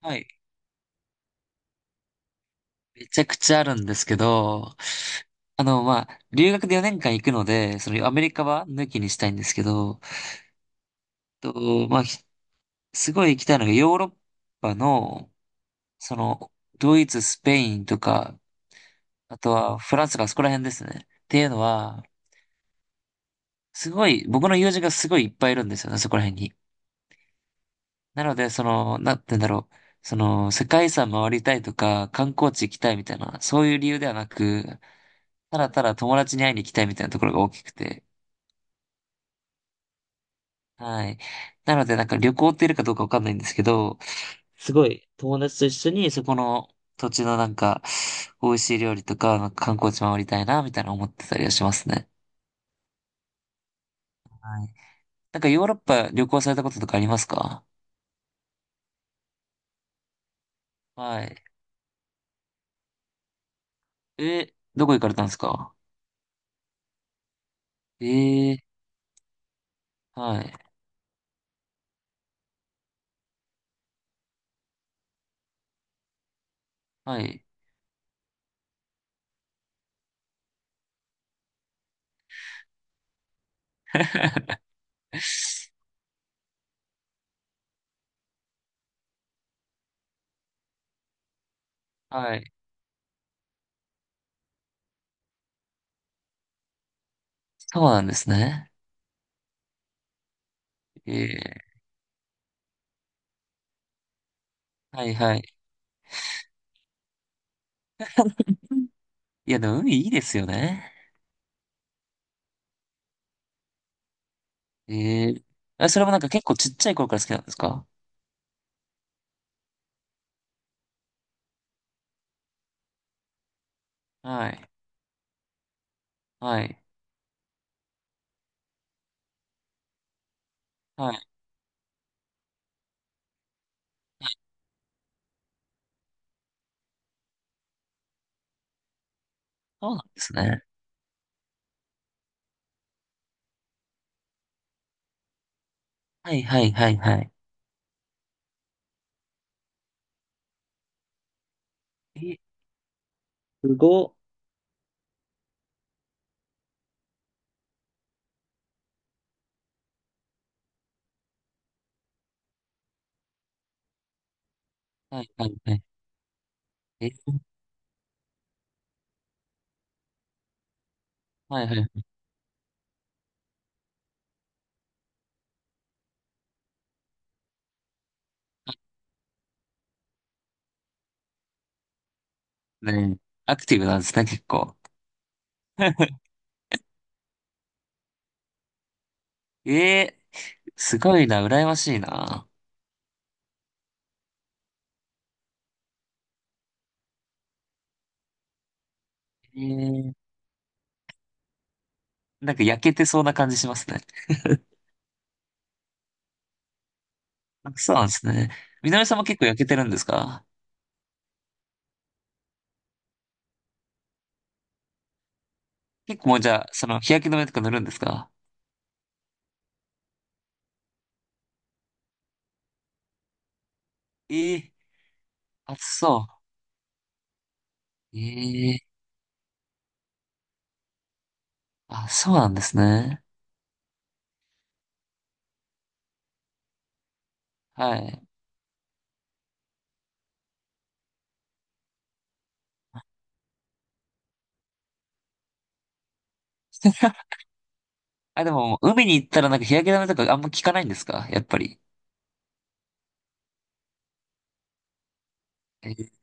はい。めちゃくちゃあるんですけど、留学で4年間行くので、そのアメリカは抜きにしたいんですけど、と、まあ、ひすごい行きたいのがヨーロッパの、その、ドイツ、スペインとか、あとはフランスとかそこら辺ですね。っていうのは、すごい、僕の友人がすごいいっぱいいるんですよね、そこら辺に。なので、なんて言うんだろう。その、世界遺産回りたいとか、観光地行きたいみたいな、そういう理由ではなく、ただただ友達に会いに行きたいみたいなところが大きくて、はい。なので、なんか旅行っているかどうかわかんないんですけど、すごい友達と一緒にそこの土地のなんか、美味しい料理とか、なんか観光地回りたいな、みたいな思ってたりはしますね。はい。なんかヨーロッパ旅行されたこととかありますか？はい。え、どこ行かれたんですか？ええー、はい。はい。はい。そうなんですね。ええー、はいはい。いや、でも海いいですよね。ええー、あ、それもなんか結構ちっちゃい頃から好きなんですか？はい。はい。はい。そうなんですね。はい、はい、はい、はい。え、すごっ。はい、はい、はい。え、はい、はい。ねえ、アクティブなんですね、結構。えー、すごいな、羨ましいな。えー、なんか焼けてそうな感じしますね。あ、そうなんですね。みのりさんも結構焼けてるんですか？結構もうじゃあ、その日焼け止めとか塗るんですか？えー、暑そう。えー、あ、そうなんですね。はい。あ、でも、海に行ったらなんか日焼け止めとかあんま効かないんですか、やっぱり。えー、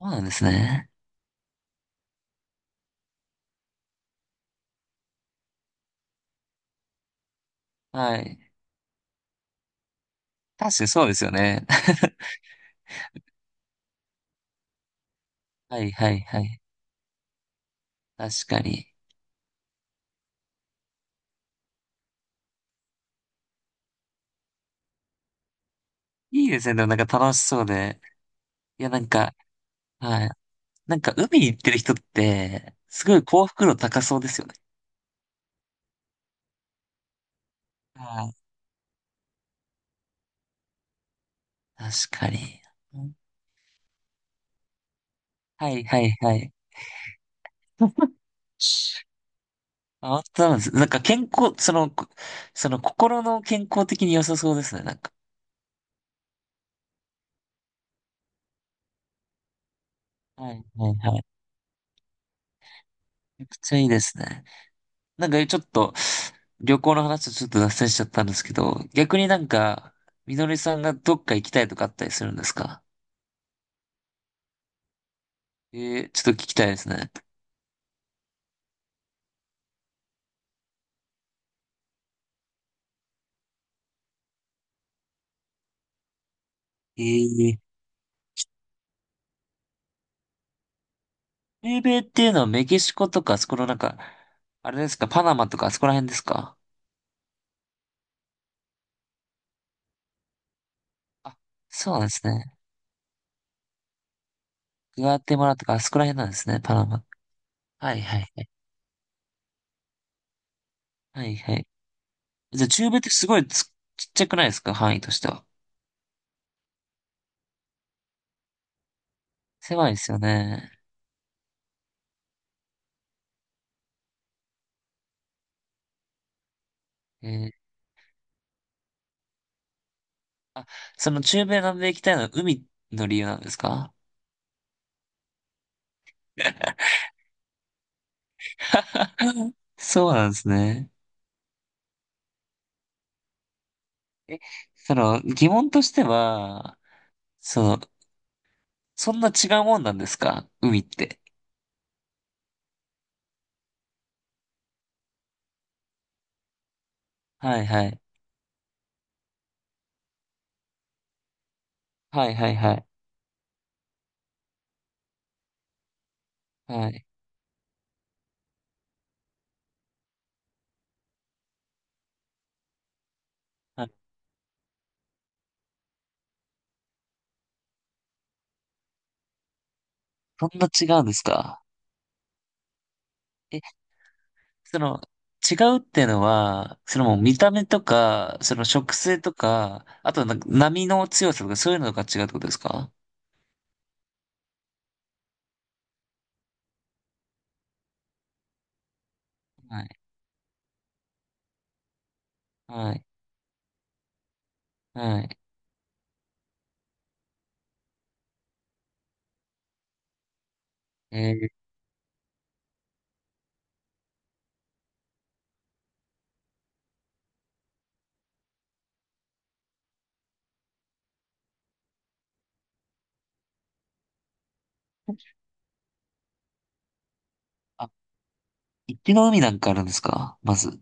そうなんですね。はい。確かにそうですよね。はいはいはい。確かに。いいですね。でもなんか楽しそうで。いやなんか、はい。なんか海行ってる人って、すごい幸福度高そうですよね。はい。確かに。はいはいはい。あ、本当なんです。なんか健康、その心の健康的に良さそうですね。なんか。はいはいはい。めちゃくちゃいいですね。なんかちょっと、旅行の話とちょっと脱線しちゃったんですけど、逆になんか、みのりさんがどっか行きたいとかあったりするんですか？えー、ちょっと聞きたいですね。えー、米米っていうのはメキシコとか、あそこのなんか、あれですか、パナマとかあそこら辺ですか？あ、そうなんですね。グアテマラとかあそこら辺なんですね、パナマ。はいはい。はいはい。じゃあ中米ってすごいちっちゃくないですか、範囲としては。狭いですよね。えー、その中米南米行きたいのは海の理由なんですか？ そうなんですね。え、その、疑問としては、その、そんな違うもんなんですか、海って。はいはい。はいはいはい。はい。はい。そんな違うんですか？え、その、違うっていうのは、そのもう見た目とか、その植生とか、あとなんか波の強さとかそういうのが違うってことですか？はい。はい。はい。えー、あ、一気の海なんかあるんですか、まず。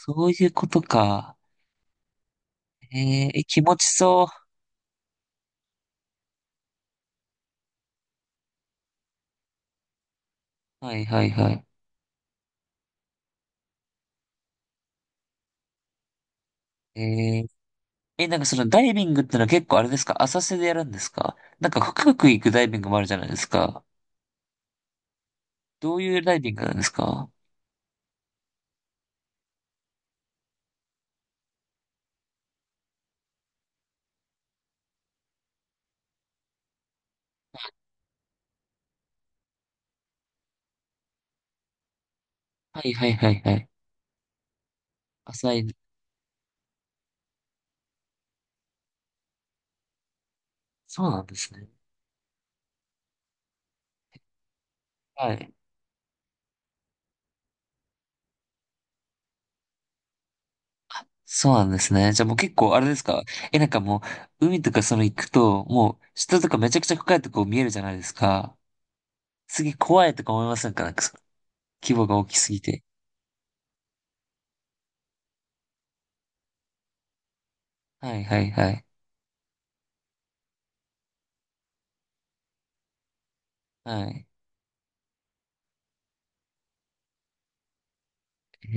そういうことか。えー、え気持ちそう。はいはいはい。えー、え、なんかそのダイビングってのは結構あれですか、浅瀬でやるんですか、なんか深く行くダイビングもあるじゃないですか。どういうダイビングなんですか？はいはいはいはい。浅い。そうなんですね。はい。そうなんですね。じゃあもう結構あれですか？え、なんかもう海とかその行くと、もう下とかめちゃくちゃ深いとこ見えるじゃないですか。すげえ怖いとか思いませんか、なんかその規模が大きすぎて。はいはいはい。はい。へ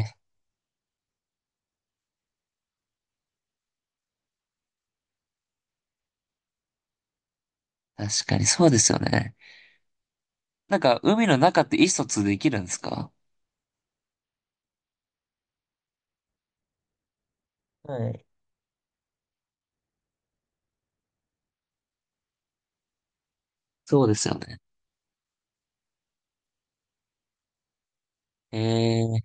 え、確かにそうですよね。なんか海の中って意思疎通できるんですか？はい。そうですよね。ええ、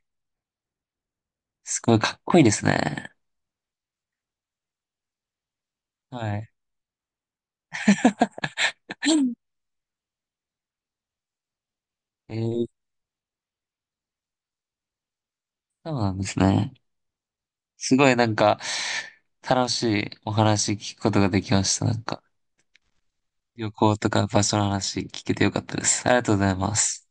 すごいかっこいいですね。はい。ええ、そうなんですね。すごいなんか、楽しいお話聞くことができました。なんか、旅行とか場所の話聞けてよかったです。ありがとうございます。